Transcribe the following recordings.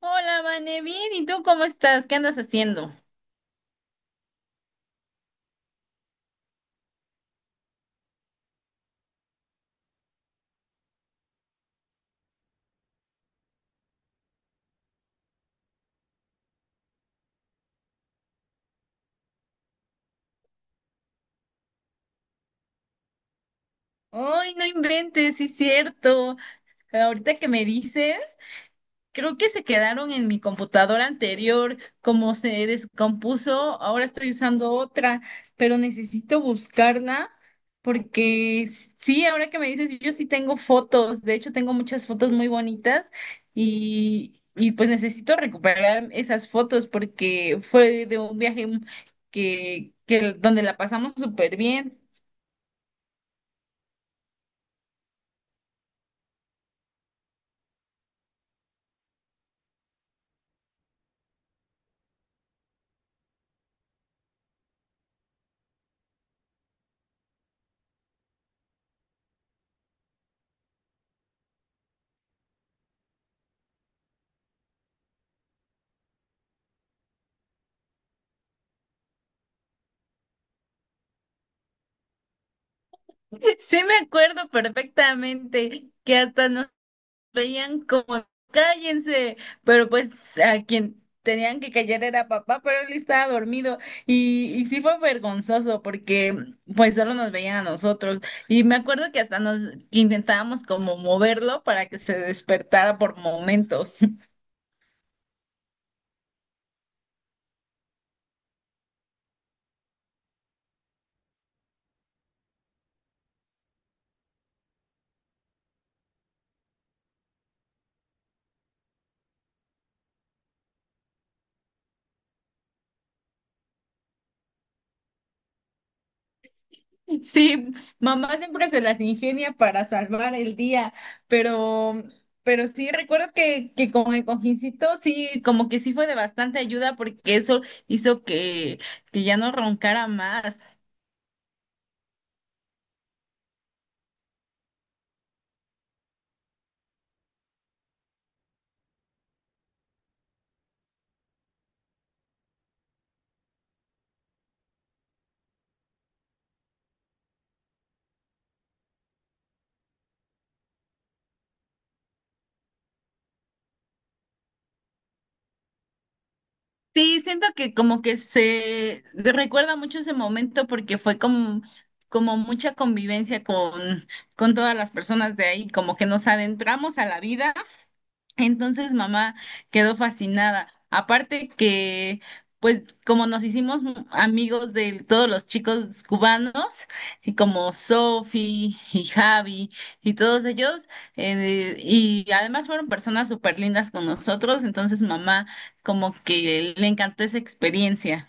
Hola, Vane, bien, ¿y tú cómo estás? ¿Qué andas haciendo? Ay, no inventes, sí es cierto. Ahorita que me dices, creo que se quedaron en mi computadora anterior, como se descompuso, ahora estoy usando otra, pero necesito buscarla porque sí, ahora que me dices, yo sí tengo fotos, de hecho tengo muchas fotos muy bonitas y pues necesito recuperar esas fotos porque fue de un viaje que donde la pasamos súper bien. Sí, me acuerdo perfectamente que hasta nos veían como cállense, pero pues a quien tenían que callar era papá, pero él estaba dormido y sí fue vergonzoso porque pues solo nos veían a nosotros y me acuerdo que hasta nos que intentábamos como moverlo para que se despertara por momentos. Sí, mamá siempre se las ingenia para salvar el día, pero, pero sí recuerdo que con el cojincito sí, como que sí fue de bastante ayuda porque eso hizo que ya no roncara más. Sí, siento que como que se recuerda mucho ese momento porque fue como, como mucha convivencia con todas las personas de ahí, como que nos adentramos a la vida. Entonces mamá quedó fascinada. Aparte que, pues como nos hicimos amigos de todos los chicos cubanos, y como Sofi y Javi y todos ellos, y además fueron personas súper lindas con nosotros, entonces mamá como que le encantó esa experiencia.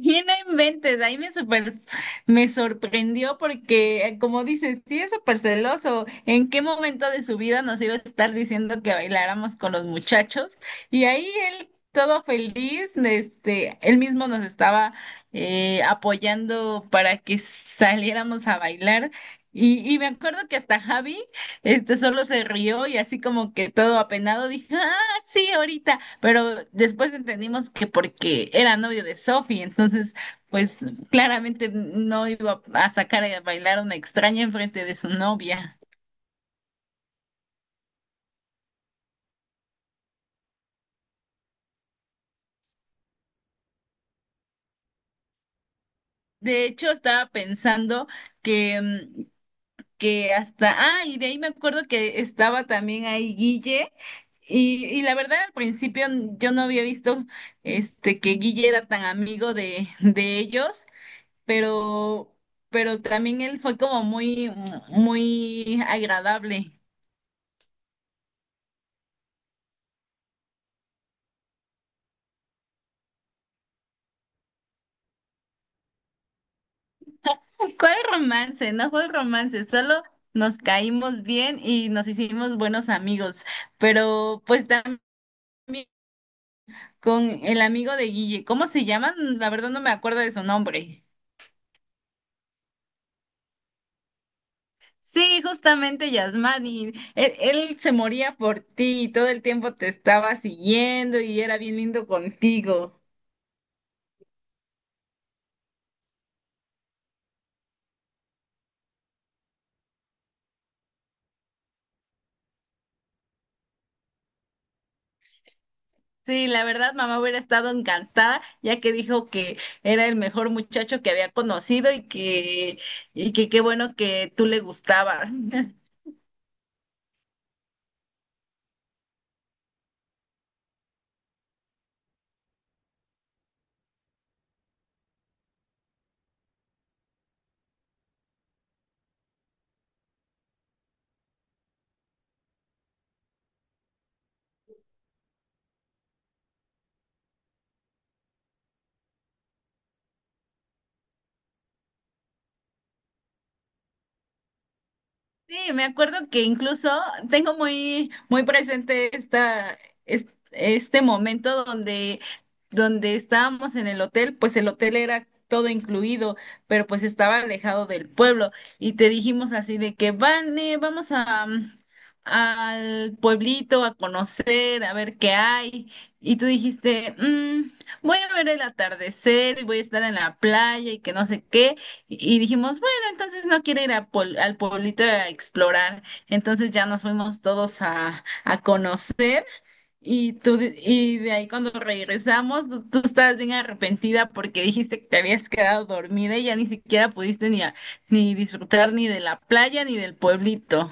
Y no inventes, ahí me me sorprendió porque, como dices, sí es súper celoso. ¿En qué momento de su vida nos iba a estar diciendo que bailáramos con los muchachos? Y ahí él, todo feliz, este, él mismo nos estaba apoyando para que saliéramos a bailar. Y me acuerdo que hasta Javi, este, solo se rió y así como que todo apenado dije, sí, ahorita, pero después entendimos que porque era novio de Sophie, entonces, pues claramente no iba a sacar a bailar a una extraña enfrente de su novia. De hecho, estaba pensando que, que hasta, ah, y de ahí me acuerdo que estaba también ahí Guille, y la verdad al principio yo no había visto este que Guille era tan amigo de ellos, pero, pero también él fue como muy, muy agradable. ¿Cuál romance? No fue romance, solo nos caímos bien y nos hicimos buenos amigos, pero pues también con el amigo de Guille, ¿cómo se llaman? La verdad no me acuerdo de su nombre. Sí, justamente Yasmani, él se moría por ti y todo el tiempo te estaba siguiendo y era bien lindo contigo. Sí, la verdad, mamá hubiera estado encantada, ya que dijo que era el mejor muchacho que había conocido y que qué bueno que tú le gustabas. Sí, me acuerdo que incluso tengo muy, muy presente esta, este momento donde, donde estábamos en el hotel, pues el hotel era todo incluido, pero pues estaba alejado del pueblo y te dijimos así de que Vane, vamos a, al pueblito a conocer, a ver qué hay. Y tú dijiste, "Mm, voy a ver el atardecer y voy a estar en la playa y que no sé qué." Y dijimos, entonces no quiere ir a al pueblito a explorar. Entonces ya nos fuimos todos a conocer y y de ahí cuando regresamos tú estabas bien arrepentida porque dijiste que te habías quedado dormida y ya ni siquiera pudiste ni ni disfrutar ni de la playa ni del pueblito.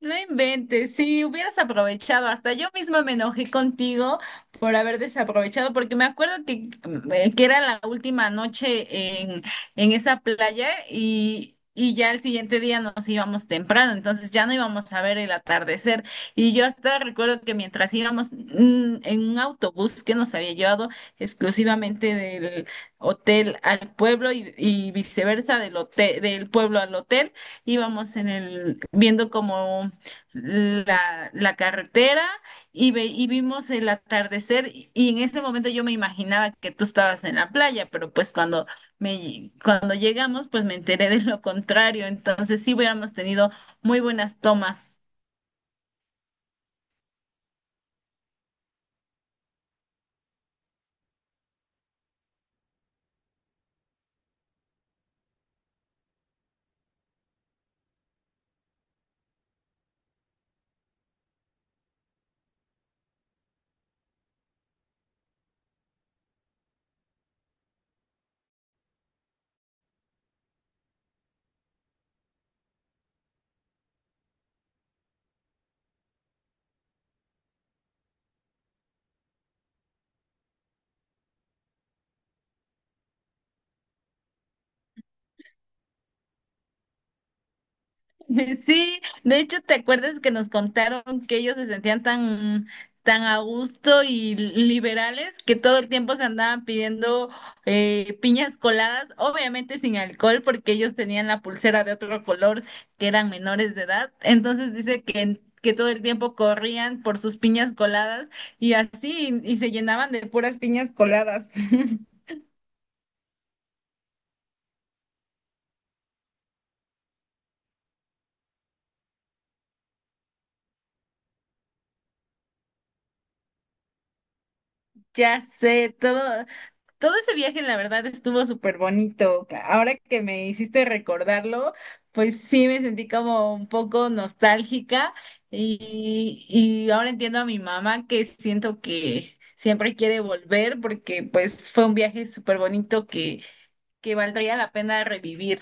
No inventes, si hubieras aprovechado, hasta yo misma me enojé contigo por haber desaprovechado, porque me acuerdo que era la última noche en esa playa y ya el siguiente día nos íbamos temprano, entonces ya no íbamos a ver el atardecer. Y yo hasta recuerdo que mientras íbamos en un autobús que nos había llevado exclusivamente del hotel al pueblo y viceversa del hotel, del pueblo al hotel, íbamos en el viendo como la carretera y, y vimos el atardecer y en ese momento yo me imaginaba que tú estabas en la playa, pero pues cuando, cuando llegamos pues me enteré de lo contrario, entonces sí hubiéramos tenido muy buenas tomas. Sí, de hecho, ¿te acuerdas que nos contaron que ellos se sentían tan, tan a gusto y liberales que todo el tiempo se andaban pidiendo piñas coladas, obviamente sin alcohol, porque ellos tenían la pulsera de otro color, que eran menores de edad? Entonces dice que todo el tiempo corrían por sus piñas coladas y así, y se llenaban de puras piñas coladas. Ya sé, todo. Todo ese viaje, la verdad, estuvo súper bonito. Ahora que me hiciste recordarlo, pues sí me sentí como un poco nostálgica y ahora entiendo a mi mamá, que siento que siempre quiere volver porque pues fue un viaje súper bonito que valdría la pena revivir.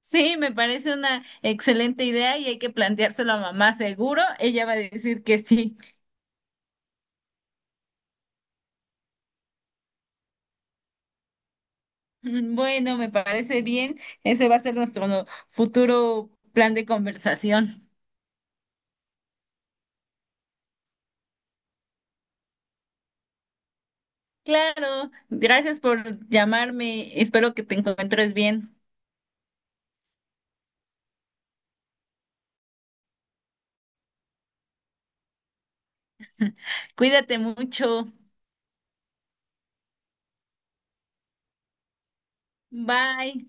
Sí, me parece una excelente idea y hay que planteárselo a mamá seguro. Ella va a decir que sí. Bueno, me parece bien. Ese va a ser nuestro futuro plan de conversación. Claro, gracias por llamarme. Espero que te encuentres bien. Cuídate mucho. Bye.